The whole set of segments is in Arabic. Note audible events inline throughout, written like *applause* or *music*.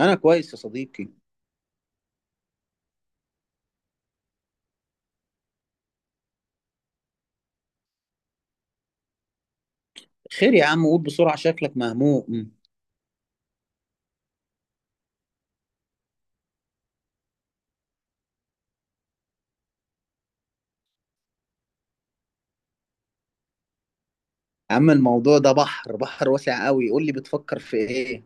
انا كويس يا صديقي. خير يا عم، قول بسرعة، شكلك مهموم. يا عم، الموضوع ده بحر، بحر واسع قوي. قول لي، بتفكر في ايه؟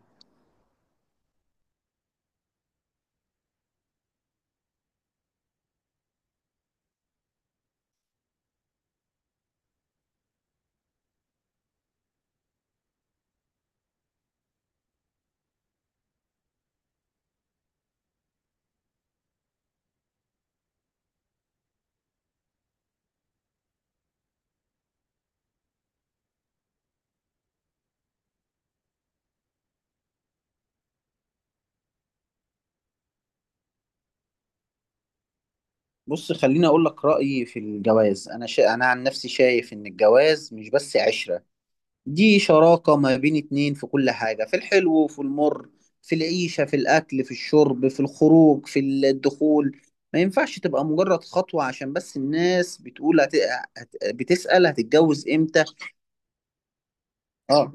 بص، خليني اقول لك رأيي في الجواز. انا عن نفسي شايف ان الجواز مش بس عشرة. دي شراكة ما بين اتنين في كل حاجة، في الحلو وفي المر، في العيشة، في الاكل، في الشرب، في الخروج، في الدخول. ما ينفعش تبقى مجرد خطوة عشان بس الناس بتقول، بتسأل هتتجوز امتى؟ اه.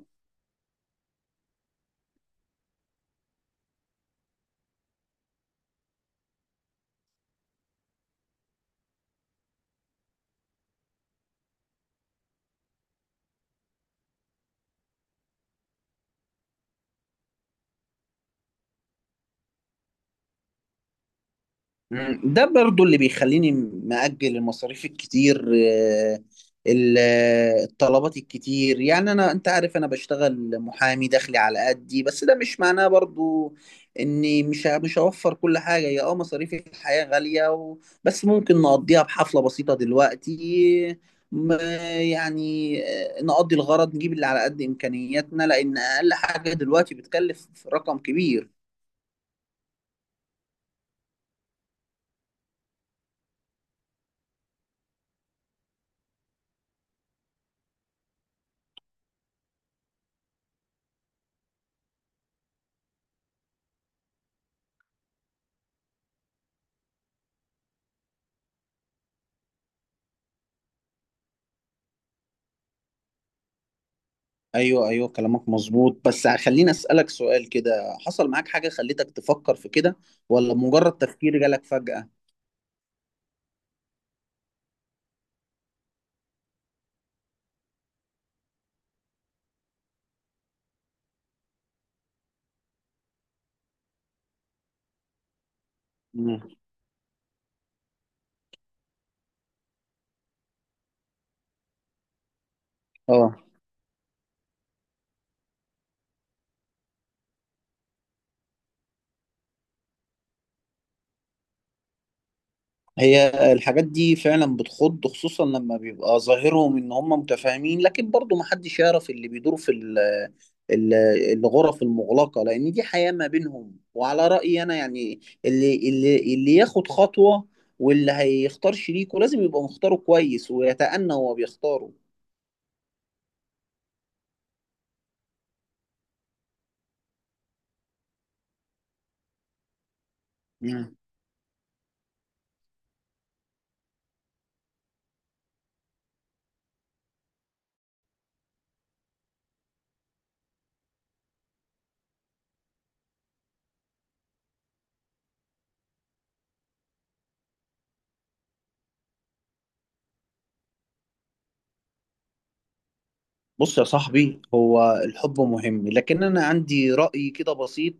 مم. ده برضو اللي بيخليني مأجل المصاريف الكتير، الطلبات الكتير. يعني انت عارف انا بشتغل محامي، دخلي على قدي، بس ده مش معناه برضو اني مش هوفر كل حاجة. هي مصاريف الحياة غالية بس ممكن نقضيها بحفلة بسيطة دلوقتي. م- يعني نقضي الغرض، نجيب اللي على قد إمكانياتنا، لأن أقل حاجة دلوقتي بتكلف رقم كبير. ايوه، ايوه، كلامك مظبوط. بس خليني اسالك سؤال كده، حصل معاك حاجه خلتك تفكر في كده، ولا مجرد تفكير جالك فجأة؟ مم. اه، هي الحاجات دي فعلا بتخض، خصوصا لما بيبقى ظاهرهم ان هم متفاهمين، لكن برضو محدش يعرف اللي بيدور في ال- الغرف المغلقه. لان دي حياه ما بينهم. وعلى رايي انا يعني، اللي ياخد خطوه واللي هيختار شريكه لازم يبقى مختاره كويس ويتأنى وهو بيختاره. بص يا صاحبي، هو الحب مهم، لكن أنا عندي رأي كده بسيط.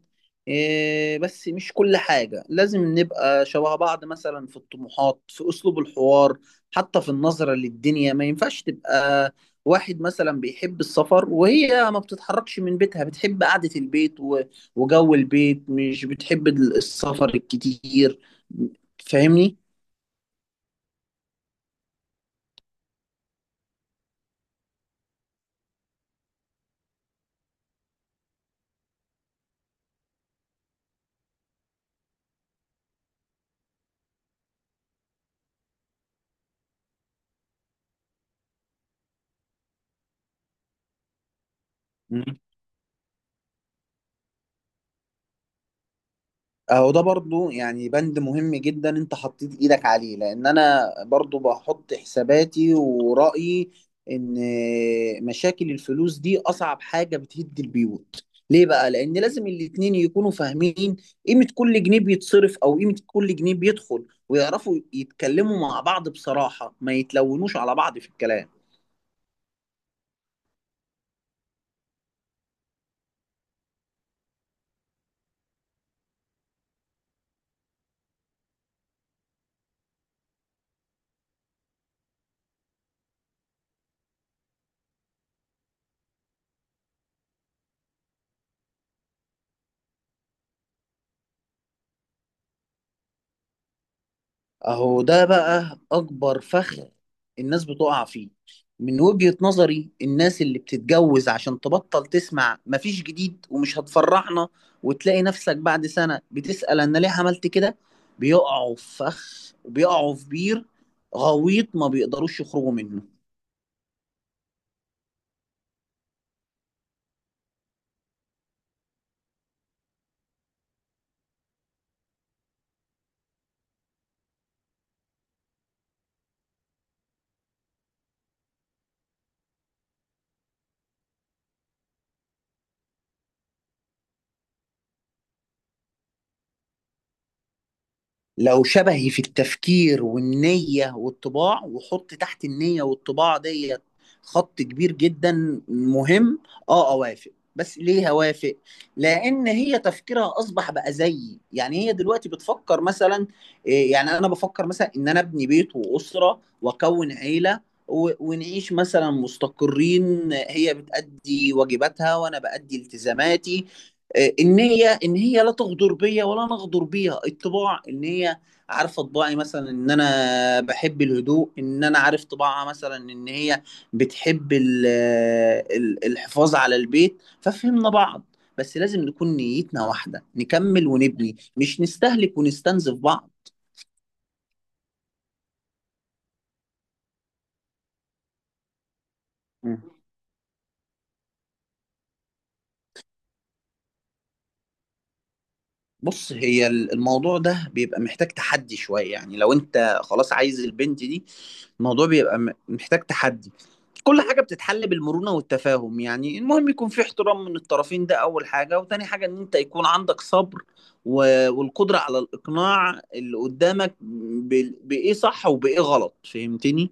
إيه، بس مش كل حاجة لازم نبقى شبه بعض، مثلا في الطموحات، في أسلوب الحوار، حتى في النظرة للدنيا. ما ينفعش تبقى واحد مثلا بيحب السفر وهي ما بتتحركش من بيتها، بتحب قعدة البيت وجو البيت، مش بتحب السفر الكتير. فاهمني؟ اهو ده برضو يعني بند مهم جدا، انت حطيت ايدك عليه، لان انا برضو بحط حساباتي ورأيي ان مشاكل الفلوس دي اصعب حاجة بتهد البيوت. ليه بقى؟ لان لازم الاتنين يكونوا فاهمين قيمة كل جنيه بيتصرف، او قيمة كل جنيه بيدخل، ويعرفوا يتكلموا مع بعض بصراحة، ما يتلونوش على بعض في الكلام. اهو ده بقى اكبر فخ الناس بتقع فيه. من وجهة نظري، الناس اللي بتتجوز عشان تبطل تسمع مفيش جديد، ومش هتفرحنا، وتلاقي نفسك بعد سنة بتسأل انا ليه عملت كده. بيقعوا في فخ وبيقعوا في بير غويط ما بيقدروش يخرجوا منه. لو شبهي في التفكير والنية والطباع، وحط تحت النية والطباع ديت خط كبير جدا مهم. اه، اوافق. بس ليه هوافق؟ لأن هي تفكيرها أصبح بقى زيي، يعني هي دلوقتي بتفكر مثلا. إيه، يعني أنا بفكر مثلا إن أنا أبني بيت وأسرة وأكون عيلة، ونعيش مثلا مستقرين. هي بتأدي واجباتها وأنا بأدي التزاماتي. ان هي لا تغدر بيا ولا انا اغدر بيها. الطباع ان هي عارفه طباعي مثلا، ان انا بحب الهدوء، ان انا عارف طباعها مثلا، ان هي بتحب الحفاظ على البيت. ففهمنا بعض. بس لازم نكون نيتنا واحده، نكمل ونبني، مش نستهلك ونستنزف بعض. مم. بص، هي الموضوع ده بيبقى محتاج تحدي شويه، يعني لو انت خلاص عايز البنت دي الموضوع بيبقى محتاج تحدي. كل حاجة بتتحل بالمرونة والتفاهم، يعني المهم يكون في احترام من الطرفين، ده أول حاجة، وتاني حاجة إن أنت يكون عندك صبر والقدرة على الإقناع اللي قدامك بإيه صح وبإيه غلط. فهمتني؟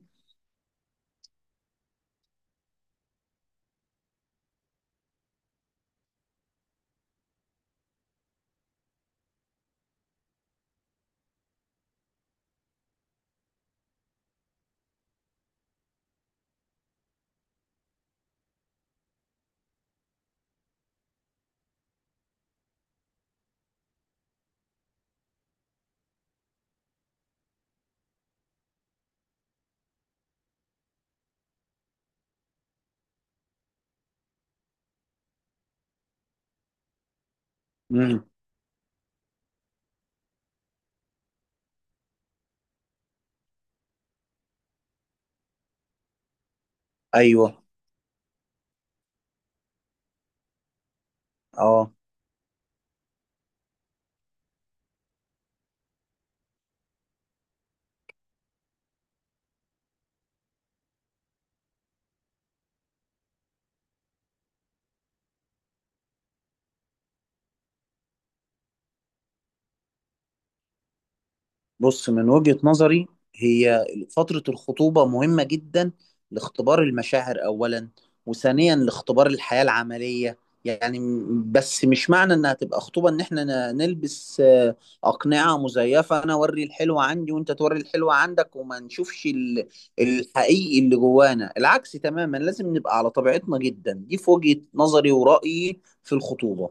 امم. ايوه. اه، بص من وجهة نظري هي فترة الخطوبة مهمة جدا، لاختبار المشاعر أولا، وثانيا لاختبار الحياة العملية. يعني بس مش معنى إنها تبقى خطوبة إن إحنا نلبس أقنعة مزيفة، أنا أوري الحلوة عندي وأنت توري الحلوة عندك، وما نشوفش الحقيقي اللي جوانا. العكس تماما، لازم نبقى على طبيعتنا جدا. دي في وجهة نظري ورأيي في الخطوبة.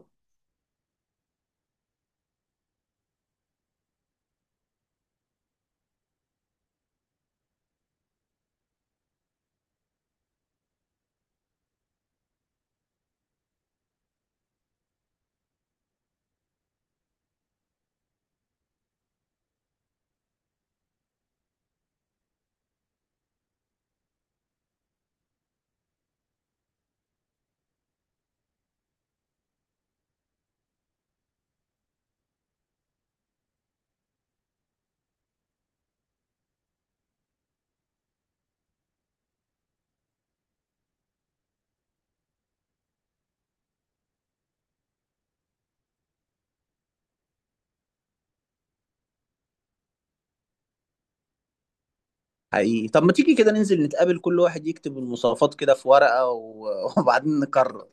حقيقي. طب ما تيجي كده ننزل نتقابل، كل واحد يكتب المواصفات كده في ورقة *laughs* وبعدين نقرر.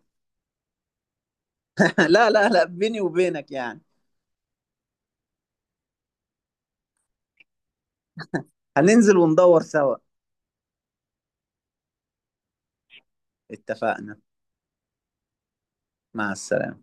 *laughs* لا، لا، لا، بيني وبينك يعني هننزل وندور سوا. اتفقنا. مع السلامة.